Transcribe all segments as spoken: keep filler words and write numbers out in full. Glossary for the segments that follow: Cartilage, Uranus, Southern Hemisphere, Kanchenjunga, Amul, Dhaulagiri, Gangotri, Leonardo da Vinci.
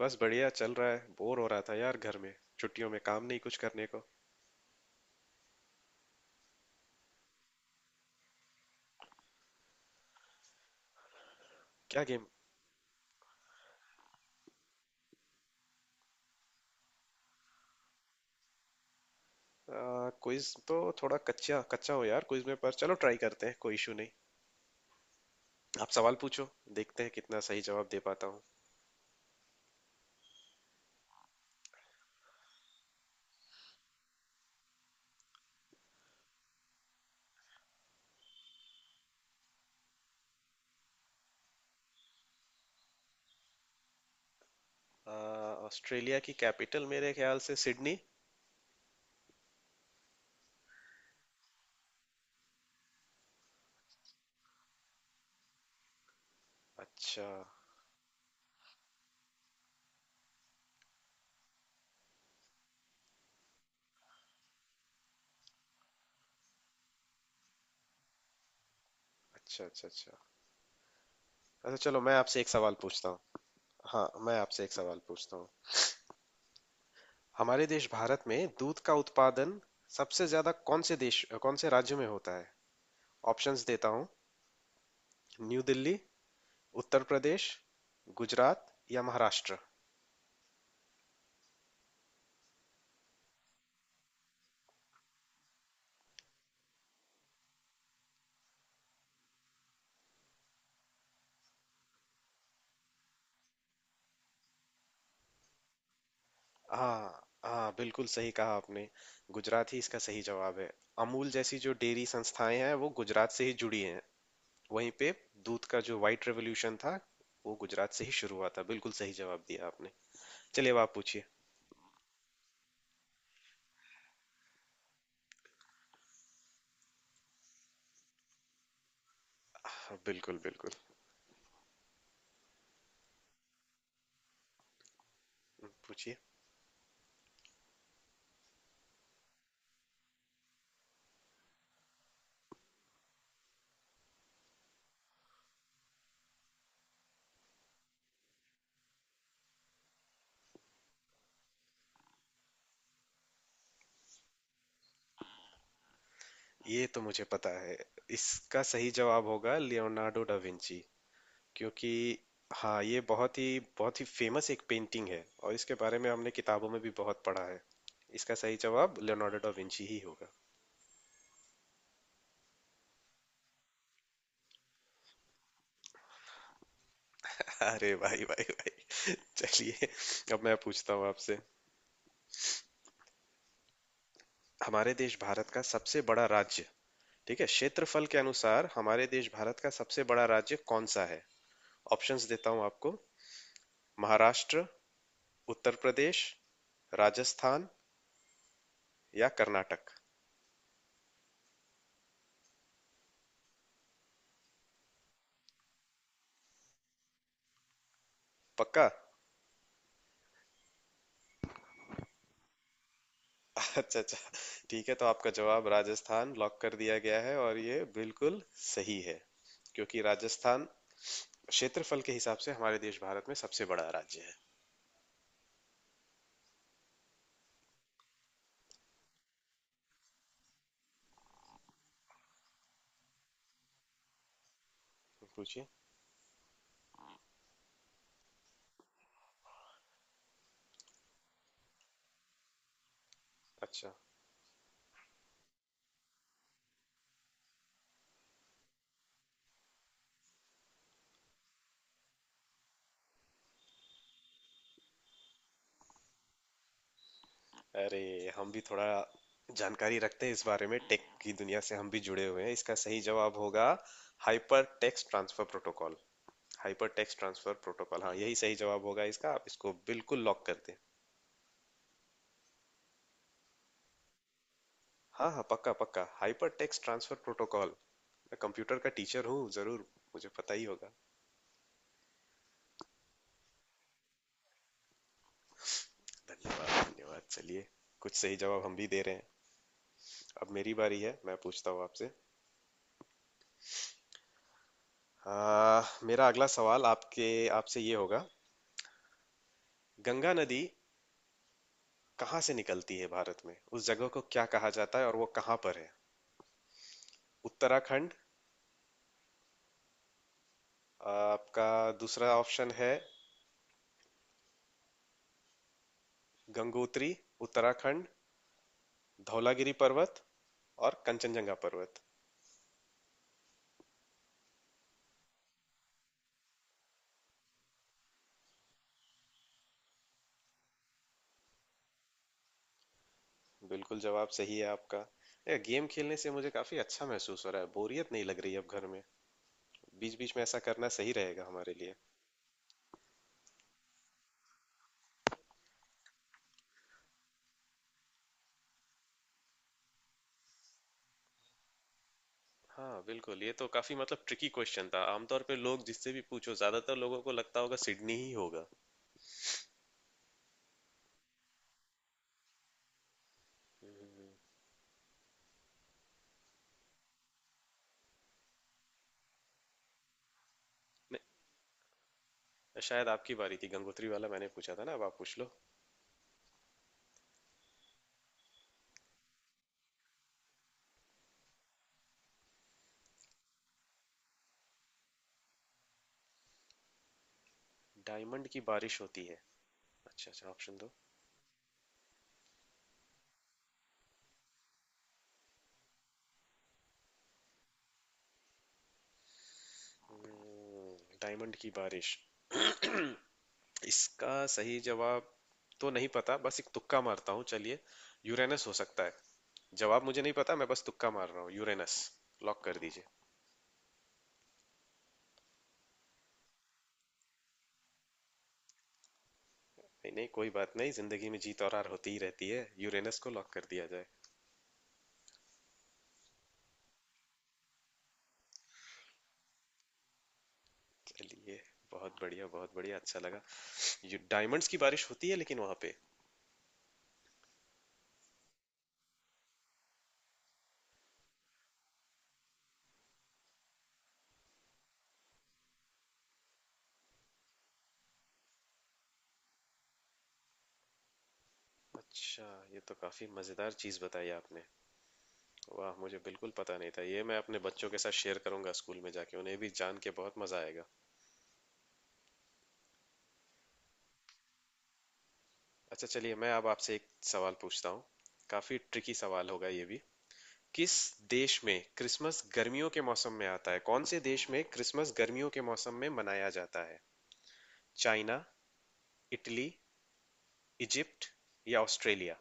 बस बढ़िया चल रहा है। बोर हो रहा था यार घर में। छुट्टियों में काम नहीं कुछ करने को। क्या गेम? क्विज तो थोड़ा कच्चा कच्चा हो यार क्विज में, पर चलो ट्राई करते हैं, कोई इशू नहीं। आप सवाल पूछो, देखते हैं कितना सही जवाब दे पाता हूँ। अ, ऑस्ट्रेलिया की कैपिटल मेरे ख्याल से सिडनी। अच्छा अच्छा अच्छा। अच्छा अच्छा, चलो मैं आपसे एक सवाल पूछता हूँ। हाँ, मैं आपसे एक सवाल पूछता हूँ। हमारे देश भारत में दूध का उत्पादन सबसे ज्यादा कौन से देश कौन से राज्य में होता है? ऑप्शंस देता हूँ। न्यू दिल्ली, उत्तर प्रदेश, गुजरात या महाराष्ट्र? हाँ हाँ, बिल्कुल सही कहा आपने। गुजरात ही इसका सही जवाब है। अमूल जैसी जो डेयरी संस्थाएं हैं वो गुजरात से ही जुड़ी हैं। वहीं पे दूध का जो वाइट रेवोल्यूशन था वो गुजरात से ही शुरू हुआ था। बिल्कुल सही जवाब दिया आपने। चलिए अब आप पूछिए। हाँ, बिल्कुल बिल्कुल। पूछिए। ये तो मुझे पता है। इसका सही जवाब होगा लियोनार्डो डा विंची, क्योंकि हाँ, ये बहुत ही बहुत ही फेमस एक पेंटिंग है और इसके बारे में हमने किताबों में भी बहुत पढ़ा है। इसका सही जवाब लियोनार्डो डा विंची ही होगा। अरे भाई भाई भाई चलिए, अब मैं पूछता हूँ आपसे। हमारे देश भारत का सबसे बड़ा राज्य, ठीक है, क्षेत्रफल के अनुसार हमारे देश भारत का सबसे बड़ा राज्य कौन सा है? ऑप्शंस देता हूँ आपको। महाराष्ट्र, उत्तर प्रदेश, राजस्थान या कर्नाटक? पक्का? अच्छा अच्छा। ठीक है, तो आपका जवाब राजस्थान लॉक कर दिया गया है और ये बिल्कुल सही है, क्योंकि राजस्थान क्षेत्रफल के हिसाब से हमारे देश भारत में सबसे बड़ा राज्य है। पूछिए। अच्छा। अरे हम भी थोड़ा जानकारी रखते हैं इस बारे में, टेक की दुनिया से हम भी जुड़े हुए हैं। इसका सही जवाब होगा hypertext transfer protocol. Hypertext transfer protocol, हाँ यही सही जवाब होगा इसका। आप इसको बिल्कुल लॉक कर दें। हाँ हाँ, पक्का पक्का, हाइपर टेक्स्ट ट्रांसफर प्रोटोकॉल। मैं कंप्यूटर का टीचर हूँ, जरूर मुझे पता ही होगा। धन्यवाद धन्यवाद। चलिए, कुछ सही जवाब हम भी दे रहे हैं। अब मेरी बारी है, मैं पूछता हूँ आपसे। आ, मेरा अगला सवाल आपके आपसे ये होगा। गंगा नदी कहाँ से निकलती है भारत में? उस जगह को क्या कहा जाता है और वो कहाँ पर है? उत्तराखंड। आ, आपका दूसरा ऑप्शन है, गंगोत्री उत्तराखंड, धौलागिरी पर्वत और कंचनजंगा पर्वत। बिल्कुल जवाब सही है आपका। ये गेम खेलने से मुझे काफी अच्छा महसूस हो रहा है, बोरियत नहीं लग रही है अब घर में। बीच बीच में ऐसा करना सही रहेगा हमारे लिए। हाँ बिल्कुल, ये तो काफी मतलब ट्रिकी क्वेश्चन था। आमतौर पे लोग जिससे भी पूछो, ज्यादातर लोगों को लगता होगा सिडनी ही होगा। नहीं, शायद आपकी बारी थी, गंगोत्री वाला मैंने पूछा था ना। अब आप पूछ लो। डायमंड की बारिश होती है? अच्छा अच्छा, ऑप्शन दो। हम्म, डायमंड की बारिश। इसका सही जवाब तो नहीं पता, बस एक तुक्का मारता हूँ। चलिए, यूरेनस हो सकता है। जवाब मुझे नहीं पता, मैं बस तुक्का मार रहा हूँ। यूरेनस लॉक कर दीजिए। नहीं नहीं, कोई बात नहीं, जिंदगी में जीत और हार होती ही रहती है। यूरेनस को लॉक कर दिया जाए। चलिए, बहुत बढ़िया बहुत बढ़िया, अच्छा लगा। ये डायमंड्स की बारिश होती है लेकिन वहाँ पे। अच्छा, ये तो काफी मजेदार चीज बताई आपने। वाह, मुझे बिल्कुल पता नहीं था ये। मैं अपने बच्चों के साथ शेयर करूंगा स्कूल में जाके, उन्हें भी जान के बहुत मजा आएगा। अच्छा, चलिए मैं अब आपसे एक सवाल पूछता हूँ। काफी ट्रिकी सवाल होगा ये भी। किस देश में क्रिसमस गर्मियों के मौसम में आता है? कौन से देश में क्रिसमस गर्मियों के मौसम में मनाया जाता है? चाइना, इटली, इजिप्ट या ऑस्ट्रेलिया?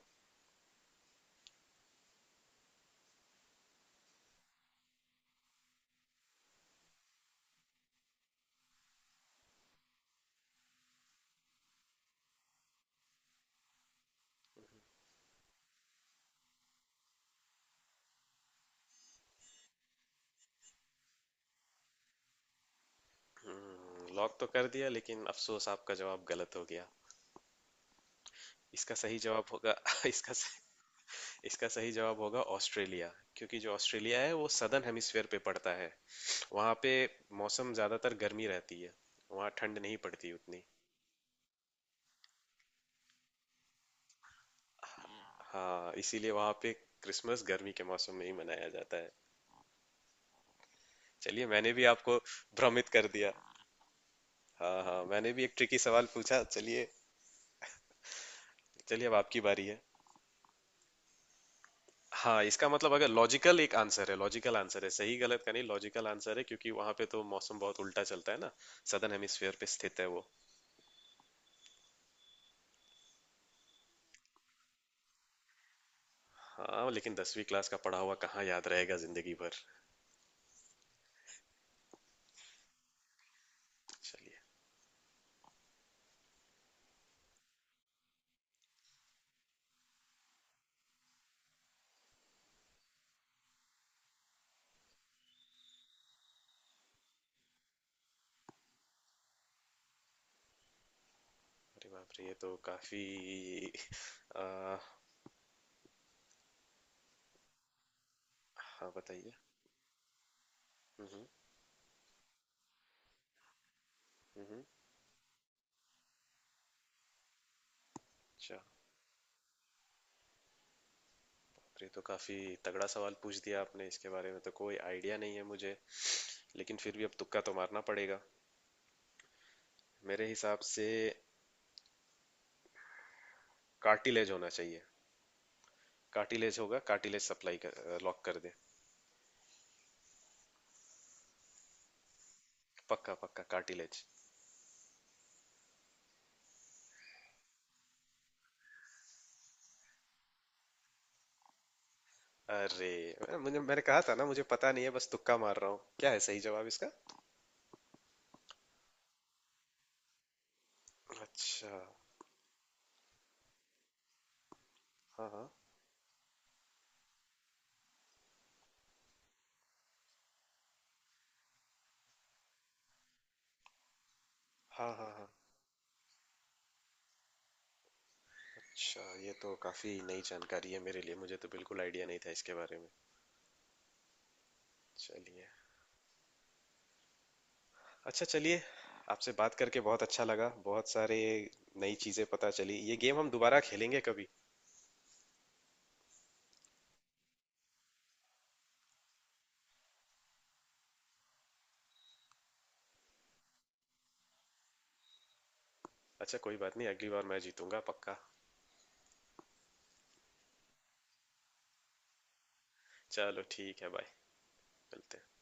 लॉक तो कर दिया, लेकिन अफसोस आपका जवाब गलत हो गया। इसका सही जवाब होगा इसका स- इसका सही जवाब होगा ऑस्ट्रेलिया, क्योंकि जो ऑस्ट्रेलिया है वो सदर्न हेमिस्फेयर पे पड़ता है। वहाँ पे मौसम ज़्यादातर गर्मी रहती है, वहाँ ठंड नहीं पड़ती उतनी। हाँ, इसीलिए वहाँ पे क्रिसमस गर्मी के मौसम में ही मनाया जाता है। चलिए, मैंने भी आपको भ्रमित कर दिया। हाँ हाँ, मैंने भी एक ट्रिकी सवाल पूछा। चलिए, चलिए अब आपकी बारी है। हाँ, इसका मतलब, अगर लॉजिकल एक आंसर है, लॉजिकल आंसर है, सही गलत का नहीं, लॉजिकल आंसर है, क्योंकि वहां पे तो मौसम बहुत उल्टा चलता है ना। सदर्न हेमिस्फीयर पे स्थित है वो। हाँ, लेकिन दसवीं क्लास का पढ़ा हुआ कहाँ याद रहेगा जिंदगी भर। चलिए। अरे बाप रे, ये तो काफी। आ, हाँ बताइए। हम्म। हम्म। अच्छा। बाप रे, तो काफी तगड़ा सवाल पूछ दिया आपने। इसके बारे में तो कोई आइडिया नहीं है मुझे, लेकिन फिर भी अब तुक्का तो मारना पड़ेगा। मेरे हिसाब से कार्टिलेज होना चाहिए। कार्टिलेज होगा, कार्टिलेज सप्लाई कर, लॉक कर दे। पक्का पक्का, कार्टिलेज। अरे मुझे, मैंने कहा था ना मुझे पता नहीं है, बस तुक्का मार रहा हूँ। क्या है सही जवाब इसका? अच्छा। हाँ हाँ हाँ। हाँ हाँ। अच्छा, ये तो काफी नई जानकारी है मेरे लिए, मुझे तो बिल्कुल आइडिया नहीं था इसके बारे में। चलिए। अच्छा, चलिए, आपसे बात करके बहुत अच्छा लगा, बहुत सारे नई चीजें पता चली। ये गेम हम दोबारा खेलेंगे कभी। अच्छा, कोई बात नहीं, अगली बार मैं जीतूंगा पक्का। चलो ठीक है, बाय, मिलते हैं।